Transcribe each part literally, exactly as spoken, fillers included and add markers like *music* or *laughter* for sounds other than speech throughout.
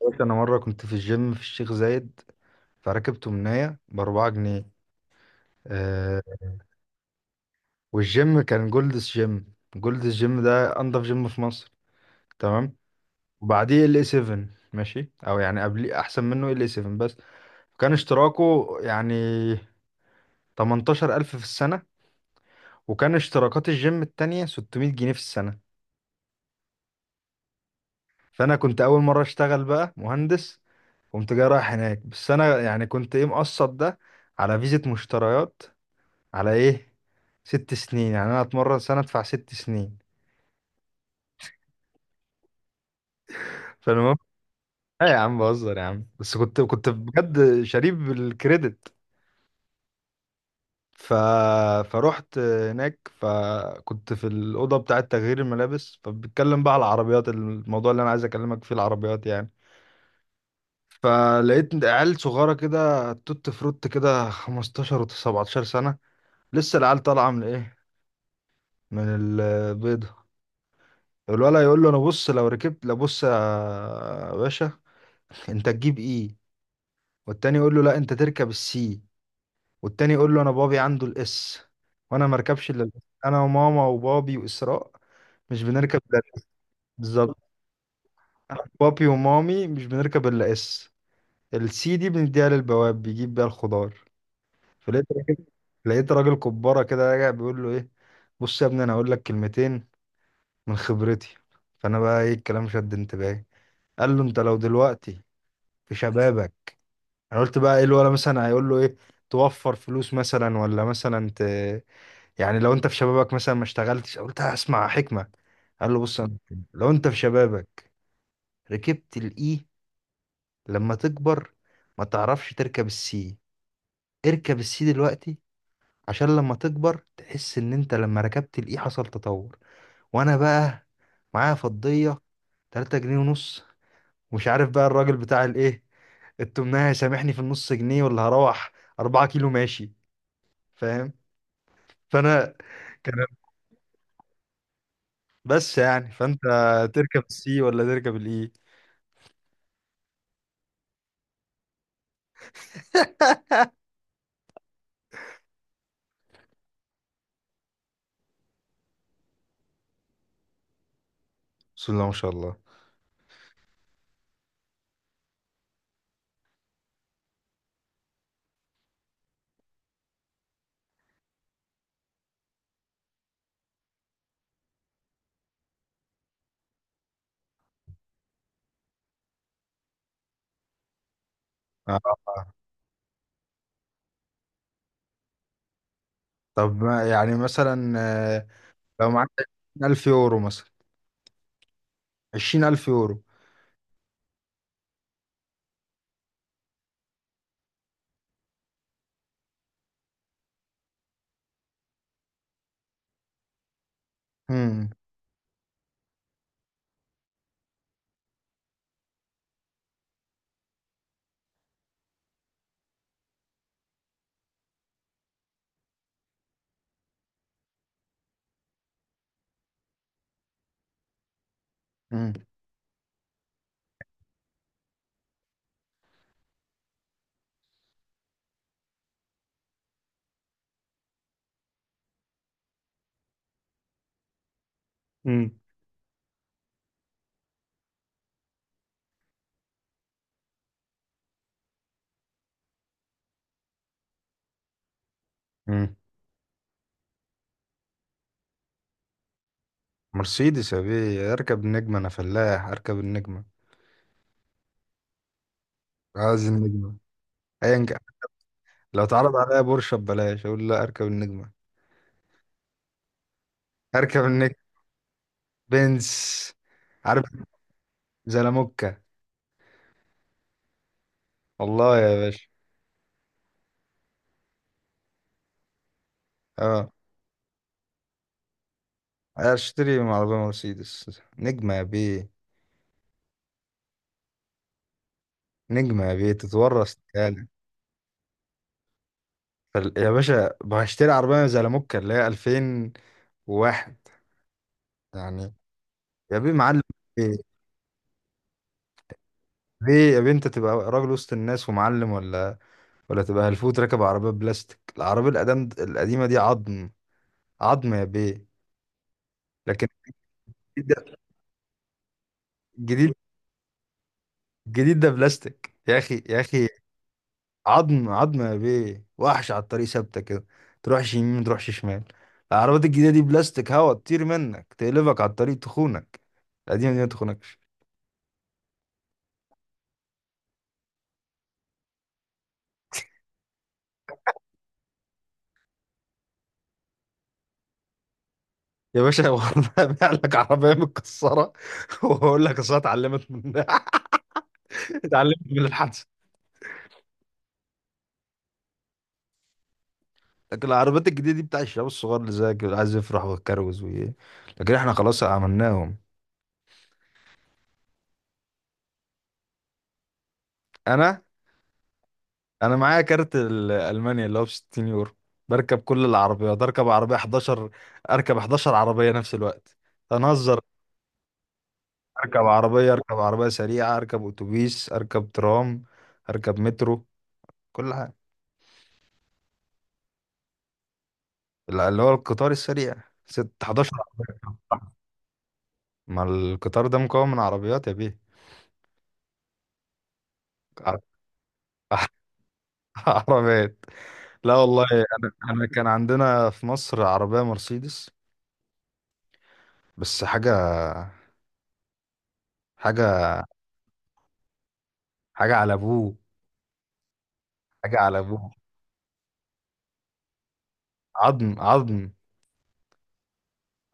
قلت انا مره كنت في الجيم في الشيخ زايد، فركبت مناية باربعة جنيه. آه، والجيم كان جولدس جيم. جولدس جيم ده انضف جيم في مصر. تمام. وبعديه ال سفن. ماشي، او يعني قبل، احسن منه ال سفن. بس كان اشتراكه يعني تمنتاشر الف في السنه، وكان اشتراكات الجيم التانية ستمية جنيه في السنه. فانا كنت اول مره اشتغل بقى مهندس. قمت جاي رايح هناك، بس انا يعني كنت ايه، مقسط ده على فيزة مشتريات، على ايه، ست سنين. يعني انا اتمرن سنه ادفع ست سنين. فالمهم، لا يا عم، بهزر يا عم، بس كنت كنت بجد شريف بالكريدت. ف... فروحت هناك، فكنت في الأوضة بتاعة تغيير الملابس، فبتكلم بقى على العربيات. الموضوع اللي أنا عايز أكلمك فيه العربيات يعني. فلقيت عيال صغيرة كده، توت فروت كده، خمستاشر و سبعتاشر سنة. لسه العيال طالعة من إيه، من البيضة. الولد يقول له: أنا بص لو ركبت، لا بص يا باشا، انت تجيب ايه؟ والتاني يقول له: لا، انت تركب السي. والتاني يقول له: انا بابي عنده الاس، وانا ما اركبش الا الاس، انا وماما وبابي واسراء. مش بنركب الا الإس. بالظبط. انا بابي ومامي مش بنركب الا اس. السي دي بنديها للبواب بيجيب بيها الخضار. فلقيت راجل، لقيت راجل كبارة كده راجع بيقول له ايه، بص يا ابني انا هقول لك كلمتين من خبرتي. فانا بقى ايه، الكلام شد انتباهي. قال له: انت لو دلوقتي في شبابك، انا قلت بقى ايه الولا مثلا هيقول له ايه، توفر فلوس مثلا، ولا مثلا ت... يعني لو انت في شبابك مثلا ما اشتغلتش. قلت هسمع حكمة. قال له: بص، أنا- لو انت في شبابك ركبت الاي، لما تكبر ما تعرفش تركب السي. اركب السي دلوقتي عشان لما تكبر تحس ان انت لما ركبت الاي حصل تطور. وانا بقى معايا فضية تلات جنيه ونص، ومش عارف بقى الراجل بتاع الايه التمناه هيسامحني في النص جنيه، ولا هروح اربعة كيلو ماشي. فاهم؟ فانا كان، بس يعني فانت تركب السي ولا تركب الاي؟ بسم الله ما شاء الله. آه. طب ما- يعني مثلا، آه، لو معاك عشرين الف يورو مثلا، عشرين الف يورو. امم امم امم امم مرسيدس يا بيه، اركب النجمة. انا فلاح، اركب النجمة، عايز النجمة ايا كان. لو اتعرض عليا بورشه ببلاش اقول لا، اركب النجمة. اركب النجمة. بنز. عارف، زلموكة. والله يا باشا. اه، اشتري عربية مرسيدس نجمة يا بيه. نجمة يا بيه تتورث تالي. فال- يا باشا هشتري عربية زي لاموكا اللي هي ألفين و واحد يعني. يا بيه معلم. بيه بيه يا بيه، انت تبقى راجل وسط الناس ومعلم، ولا ولا تبقى هلفوت راكب عربية بلاستيك، العربية القدام القديمة دي عظم. عظم يا بيه. لكن الجديد ده، الجديد، الجديد ده بلاستيك يا اخي يا اخي. عظم عظم يا بيه، وحش على الطريق، ثابته كده، تروحش يمين متروحش شمال. العربيات الجديده دي بلاستيك، هوا تطير منك، تقلبك على الطريق، تخونك. القديمه دي ما تخونكش. يا باشا *laughs* والله ابيع لك عربيه متكسره. *laughs* واقول لك اصل أنا اتعلمت من *laughs* اتعلمت من الحادثه. لكن العربيات الجديده دي بتاع الشباب الصغار اللي زيك، اللي عايز يفرح ويتكروز وايه. لكن احنا خلاص عملناهم. انا انا معايا كارت ال- المانيا اللي هو ب ستين يورو. بركب كل العربيات، اركب عربيه حداشر، اركب حداشر عربيه نفس الوقت. هنهزر. اركب عربيه، اركب عربيه سريعه، اركب اتوبيس، اركب ترام، اركب مترو، كل حاجه. ال- اللي هو القطار السريع، ست حداشر. ما القطار ده مكون من عربيات يا بيه. ع- *laughs* عربيات. لا والله. انا انا كان عندنا في مصر عربيه مرسيدس. بس حاجه، حاجه، حاجه على ابوه، حاجه على ابوه. عظم عظم.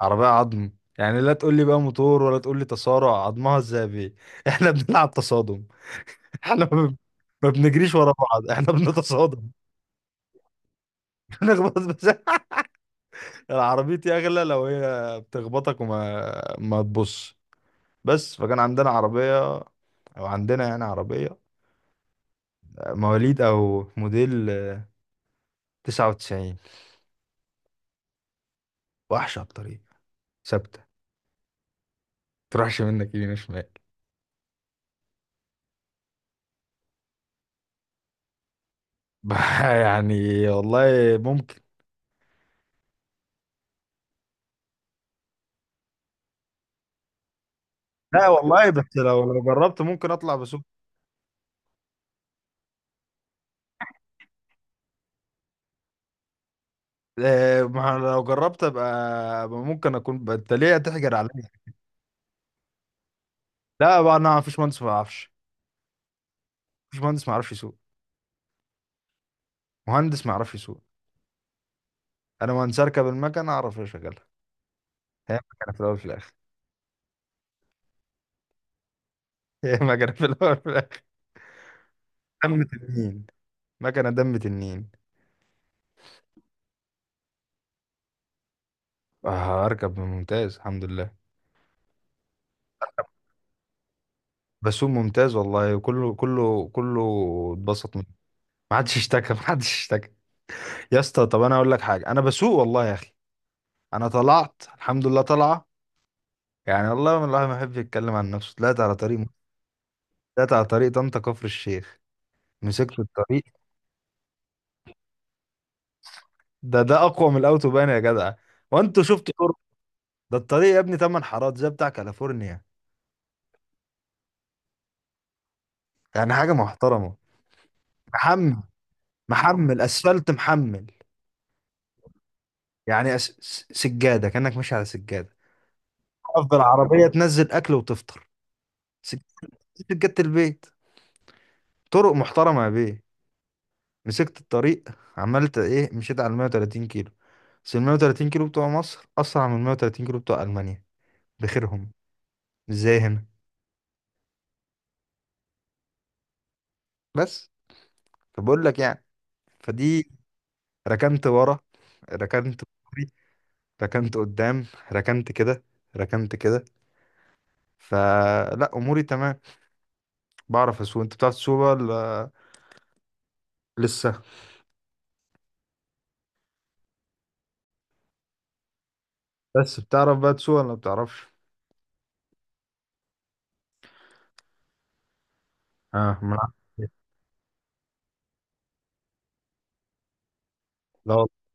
عربية عظم. يعني لا تقول لي بقى موتور، ولا تقول لي تصارع. عظمها الذهبي *laughs* احنا بنلعب تصادم. احنا ما بن- ما بنجريش ورا بعض، احنا بنتصادم. *laughs* نخبط بس. العربيتي اغلى لو هي بتخبطك وما ما تبص. بس فكان عندنا عربية، او عندنا يعني عربية مواليد او موديل تسعه وتسعين، وحشة على الطريق، ثابتة، تروحش منك يمين شمال. *laughs* يعني والله ممكن. لا والله، بس لو لو جربت ممكن اطلع بسوق. إيه، ما أنا لو جربت ابقى، أبقى ممكن اكون ب- انت ليه هتحجر عليا. لا بقى، انا مفيش مهندس ما يعرفش. مفيش مهندس ما يعرفش يسوق. مهندس ما يعرفش يسوق. انا مهندس اركب المكنه اعرف اشغلها. هي مكنه في الاول في الاخر. *laughs* هي مكنه في الاول في الاخر. دم تنين، مكنه دم تنين. آه، اركب ممتاز الحمد لله. بسوق ممتاز والله، كله كله كله، اتبسط مني. ما حدش اشتكى، ما حدش اشتكى. يا اسطى، طب انا اقول لك حاجه، انا بسوق والله يا اخي. انا طلعت الحمد لله طالعه، يعني والله من الواحد ما يحبش يتكلم عن نفسه. طلعت على طريق طلعت على طريق طنطا كفر الشيخ. مسكت الطريق. ده ده اقوى من الاوتوبان يا جدع، وانتوا شفتوا طرق. ده الطريق يا ابني تمن حارات زي بتاع كاليفورنيا. يعني حاجه محترمه. محمل، محمل اسفلت محمل. يعني أس... س- سجاده، كانك ماشي على سجاده. افضل عربيه تنزل اكل وتفطر. سج- سجاده البيت. طرق محترمه يا بيه. مسكت الطريق، عملت ايه، مشيت على مئة وثلاثين كيلو. بس ال مية وتلاتين كيلو بتوع مصر اسرع من مئة وثلاثين كيلو بتوع المانيا بخيرهم. ازاي هنا؟ بس فبقول لك يعني فدي، ركنت ورا، ركنت فوري، ركنت قدام، ركنت كده، ركنت كده. فلا اموري تمام، بعرف اسوق. انت بتعرف تسوق ولا لسه؟ بس بتعرف بقى تسوق ولا ما بتعرفش؟ اه، ما أنا- لا والله.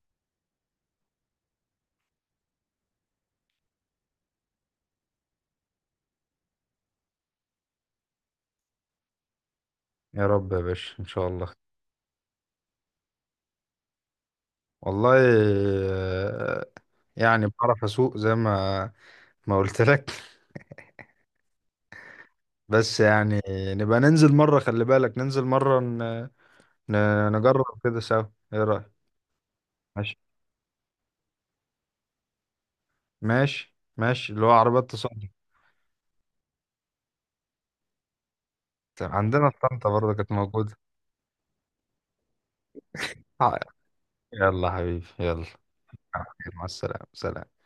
يا رب يا باشا ان شاء الله. والله آه، يعني بعرف اسوق زي ما ما قلت لك *laughs* بس يعني نبقى ننزل مرة، خلي بالك، ننزل مرة ن... ن... نجرب كده سوا. ايه رأيك؟ ماشي، ماشي ماشي اللي هو عربيات تصدي. تمام، عندنا في طنطا برضه كانت موجودة. آه، يلا حبيبي يلا. مع السلامة سلام.